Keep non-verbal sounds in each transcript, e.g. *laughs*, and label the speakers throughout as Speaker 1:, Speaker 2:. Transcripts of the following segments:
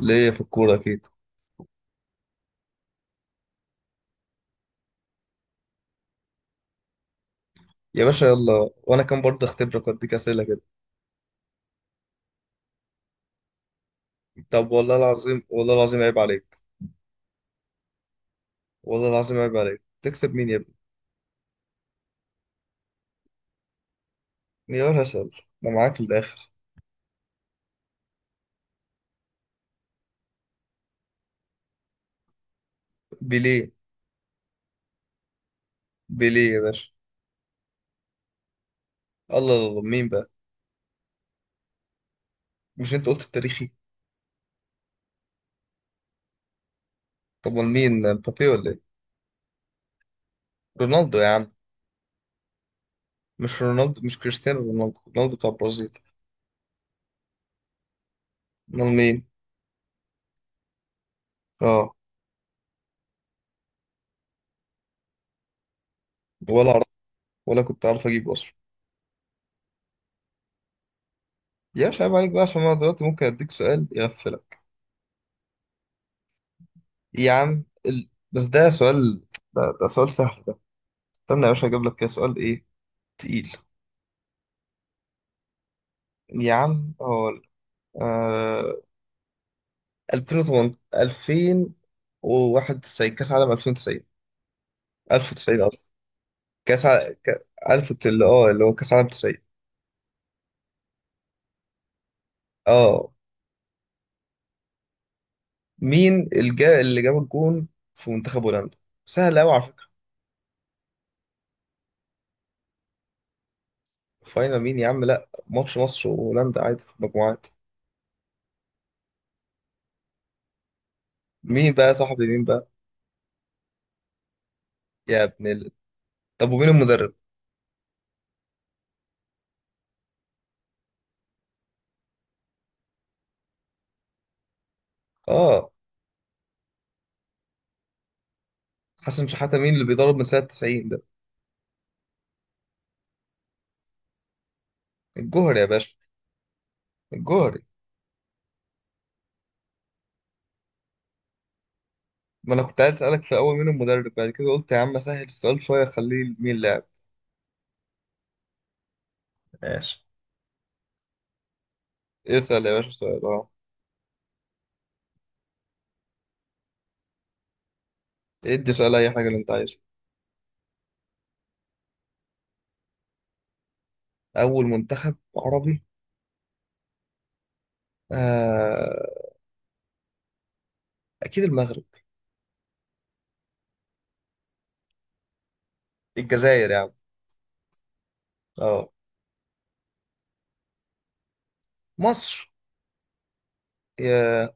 Speaker 1: ليا في الكورة أكيد. يا باشا يلا، وأنا كان برضه أختبرك وأديك أسئلة كده. طب، والله العظيم والله العظيم عيب عليك. والله العظيم عيب عليك، تكسب مين يا ابني؟ يا باشا أسأل. أنا معاك للآخر. بيليه. بيليه يا باشا. الله الله الله. مين بقى؟ مش أنت قلت التاريخي؟ طب أمال مين، مبابي ولا إيه؟ رونالدو يا عم. مش رونالدو، مش كريستيانو رونالدو، رونالدو بتاع البرازيل. أمال مين؟ أه. ولا أعرف. ولا كنت أعرف أجيبه أصلا. يا باشا عيب عليك بقى، عشان أنا دلوقتي ممكن أديك سؤال يغفلك. يا عم بس ده سؤال. ده سؤال سهل ده. استنى يا باشا اجيب لك كده سؤال ايه، تقيل. يا عم هو آه... 2008 2091 كاس عالم 2090 1090 قصدي كاس 1000 اللي هو كاس عالم 90. اه، مين اللي جاب الجون في منتخب هولندا؟ سهل قوي على فكرة. فاينل مين يا عم، لا ماتش مصر وهولندا عادي في المجموعات. مين بقى يا صاحبي، مين بقى؟ يا ابن. طب، ومين المدرب؟ اه. حسن شحاتة، مين اللي بيضرب من سنة 90 ده؟ الجوهري يا باشا. الجوهري. ما انا كنت عايز اسألك في الاول مين المدرب، بعد كده قلت يا عم سهل السؤال شوية، خليه مين اللاعب. ماشي. اسأل يا باشا سؤال، اه. ادي سؤال اي حاجة اللي انت عايزها. اول منتخب عربي؟ آه... اكيد المغرب. الجزائر يا عم. اه. مصر. يا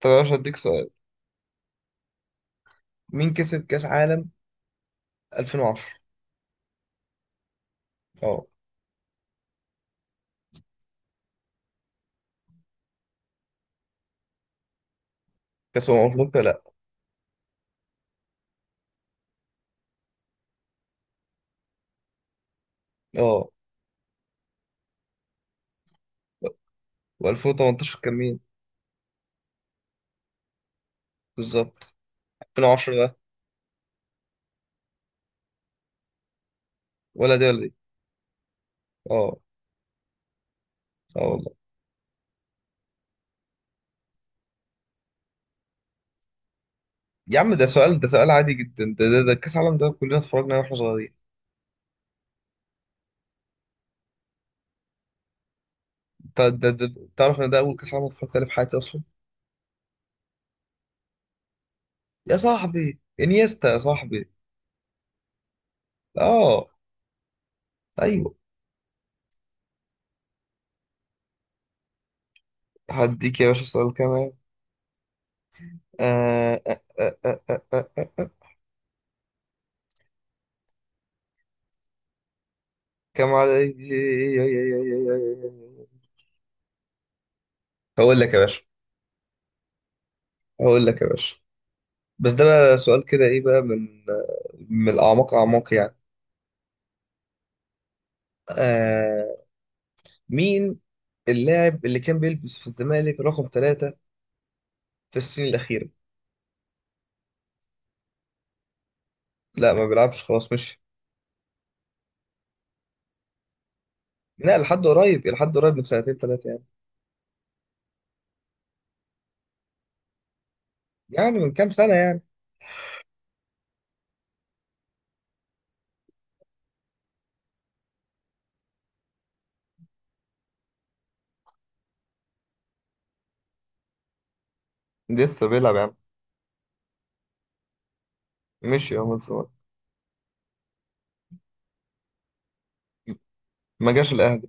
Speaker 1: طب يا باشا اديك سؤال، مين كسب كاس عالم 2010؟ اه. كاس افريقيا لا. اه. و2018 كان مين؟ بالظبط. 2010 ده. ولا دي ولا دي. اه. اه والله. يا عم ده سؤال، ده سؤال عادي جدا، ده كاس العالم ده كلنا اتفرجنا عليه واحنا صغيرين. انت ده تعرف ان ده اول كاس عالم اتفرجت عليه في حياتي اصلا. يا صاحبي انيستا يا صاحبي. اه. ايوه. هديك يا باشا سؤال كمان. آه آه آه آه آه آه آه. آه. كم عليك. هقول لك يا باشا. هقول لك يا باشا. بس ده بقى سؤال كده، ايه بقى؟ من الاعماق، اعماق يعني. آه مين اللاعب اللي كان بيلبس في الزمالك رقم 3 في السنين الأخيرة. لا، ما بيلعبش خلاص مشي. لا، لحد قريب، لحد قريب من سنتين ثلاثة يعني. يعني من كام سنة يعني. لسه بيلعب يا عم. مشي يا عم الزمالك. ما جاش الأهلي.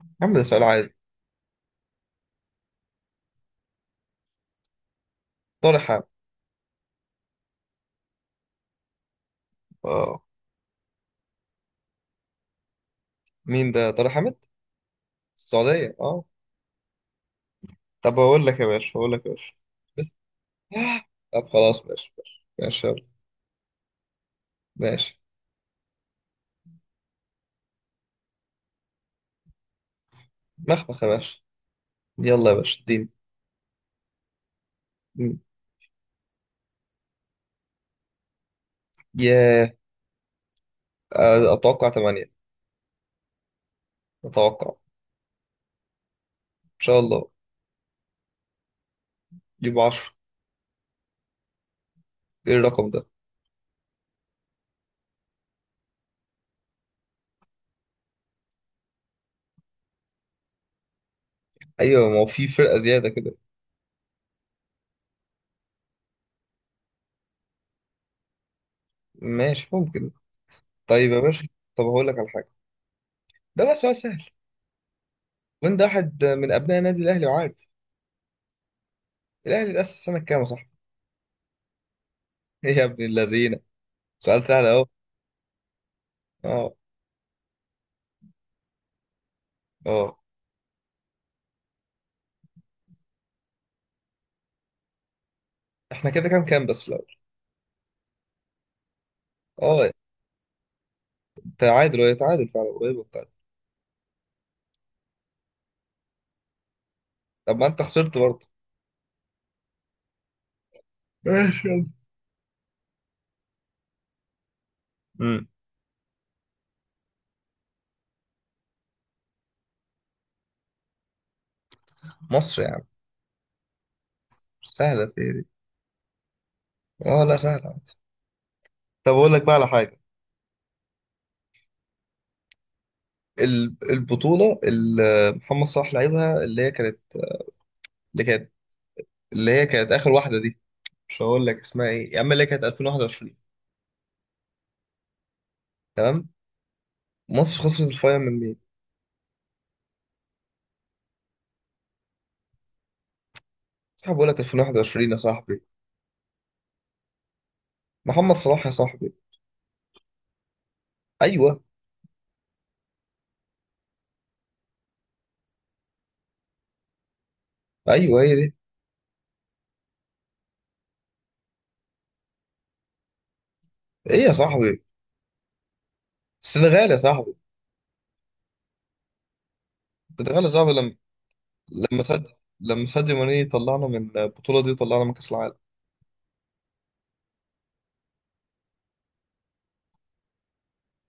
Speaker 1: يا عم ده سؤال عادي. طارق حامد. اه. مين ده طارق حامد؟ السعودية اه. طب، أقول لك يا باشا. أقول لك يا باشا. بس. آه. طب خلاص، ماشي ماشي ماشي. يلا ماشي. مخمخ يا باشا. يلا يا باشا اديني. مم. ياه. أتوقع 8. أتوقع. إن شاء الله. يبقى 10. إيه الرقم ده؟ أيوة ما هو في فرقة زيادة كده. ماشي ممكن. طيب يا باشا. طب هقول لك على حاجه. ده بقى سؤال سهل. وانت واحد من ابناء النادي الاهلي وعارف. الاهلي اتاسس سنه كام يا صاحبي؟ *laughs* ايه يا ابن اللذينه. سؤال سهل اهو. اه. اه. احنا كده كام كام بس الاول؟ اه. تعادل، وهي تعادل فعلا، قريب وبتاع. طب ما انت خسرت برضه. ماشي يلا. امم. مصر يا عم. سهله في إيه دي. اه، لا سهله عادي. طب اقول لك بقى على حاجه. البطوله اللي محمد صلاح لعبها، اللي هي كانت اللي كانت اخر واحده دي. مش هقول لك اسمها ايه يا عم، اللي هي كانت 2021. تمام. مصر خسرت الفاينل من مين؟ صاحبي بقول لك 2021 يا صاحبي. محمد صلاح يا صاحبي. ايوه ايوه هي دي. ايه يا صاحبي؟ السنغال يا صاحبي. السنغال يا صاحبي، لما لما سد لما ساديو ماني طلعنا من البطولة دي وطلعنا من كأس العالم.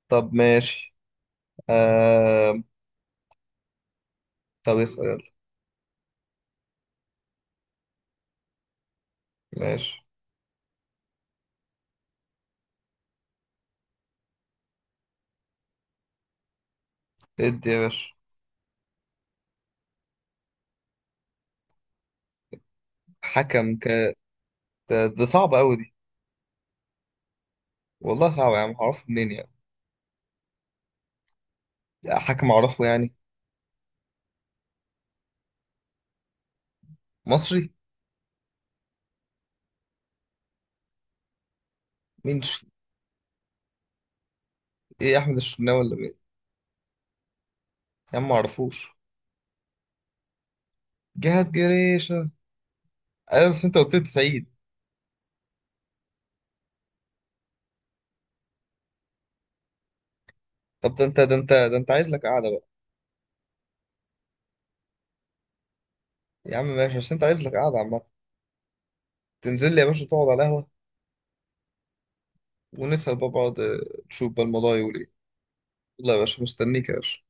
Speaker 1: طب ماشي. آه... طب اسأل يلا. ماشي. ادي يا باشا. حكم كانت. ده صعبة قوي دي. والله صعبة يا عم، هعرفه منين يعني؟ حكم اعرفه يعني؟ مصري. مين ايه، احمد الشناوي ولا؟ يا عم معرفوش. جهاد جريشة. ايوه بس انت قلت لي سعيد. طب ده انت عايز لك قعدة بقى. يا عم ماشي، بس انت عايز لك قعدة عامة. تنزل لي يا باشا تقعد على القهوة. ونسأل بقى بعض نشوف بقى الموضوع يقول ايه. يلا يا باشا مستنيك يا باشا.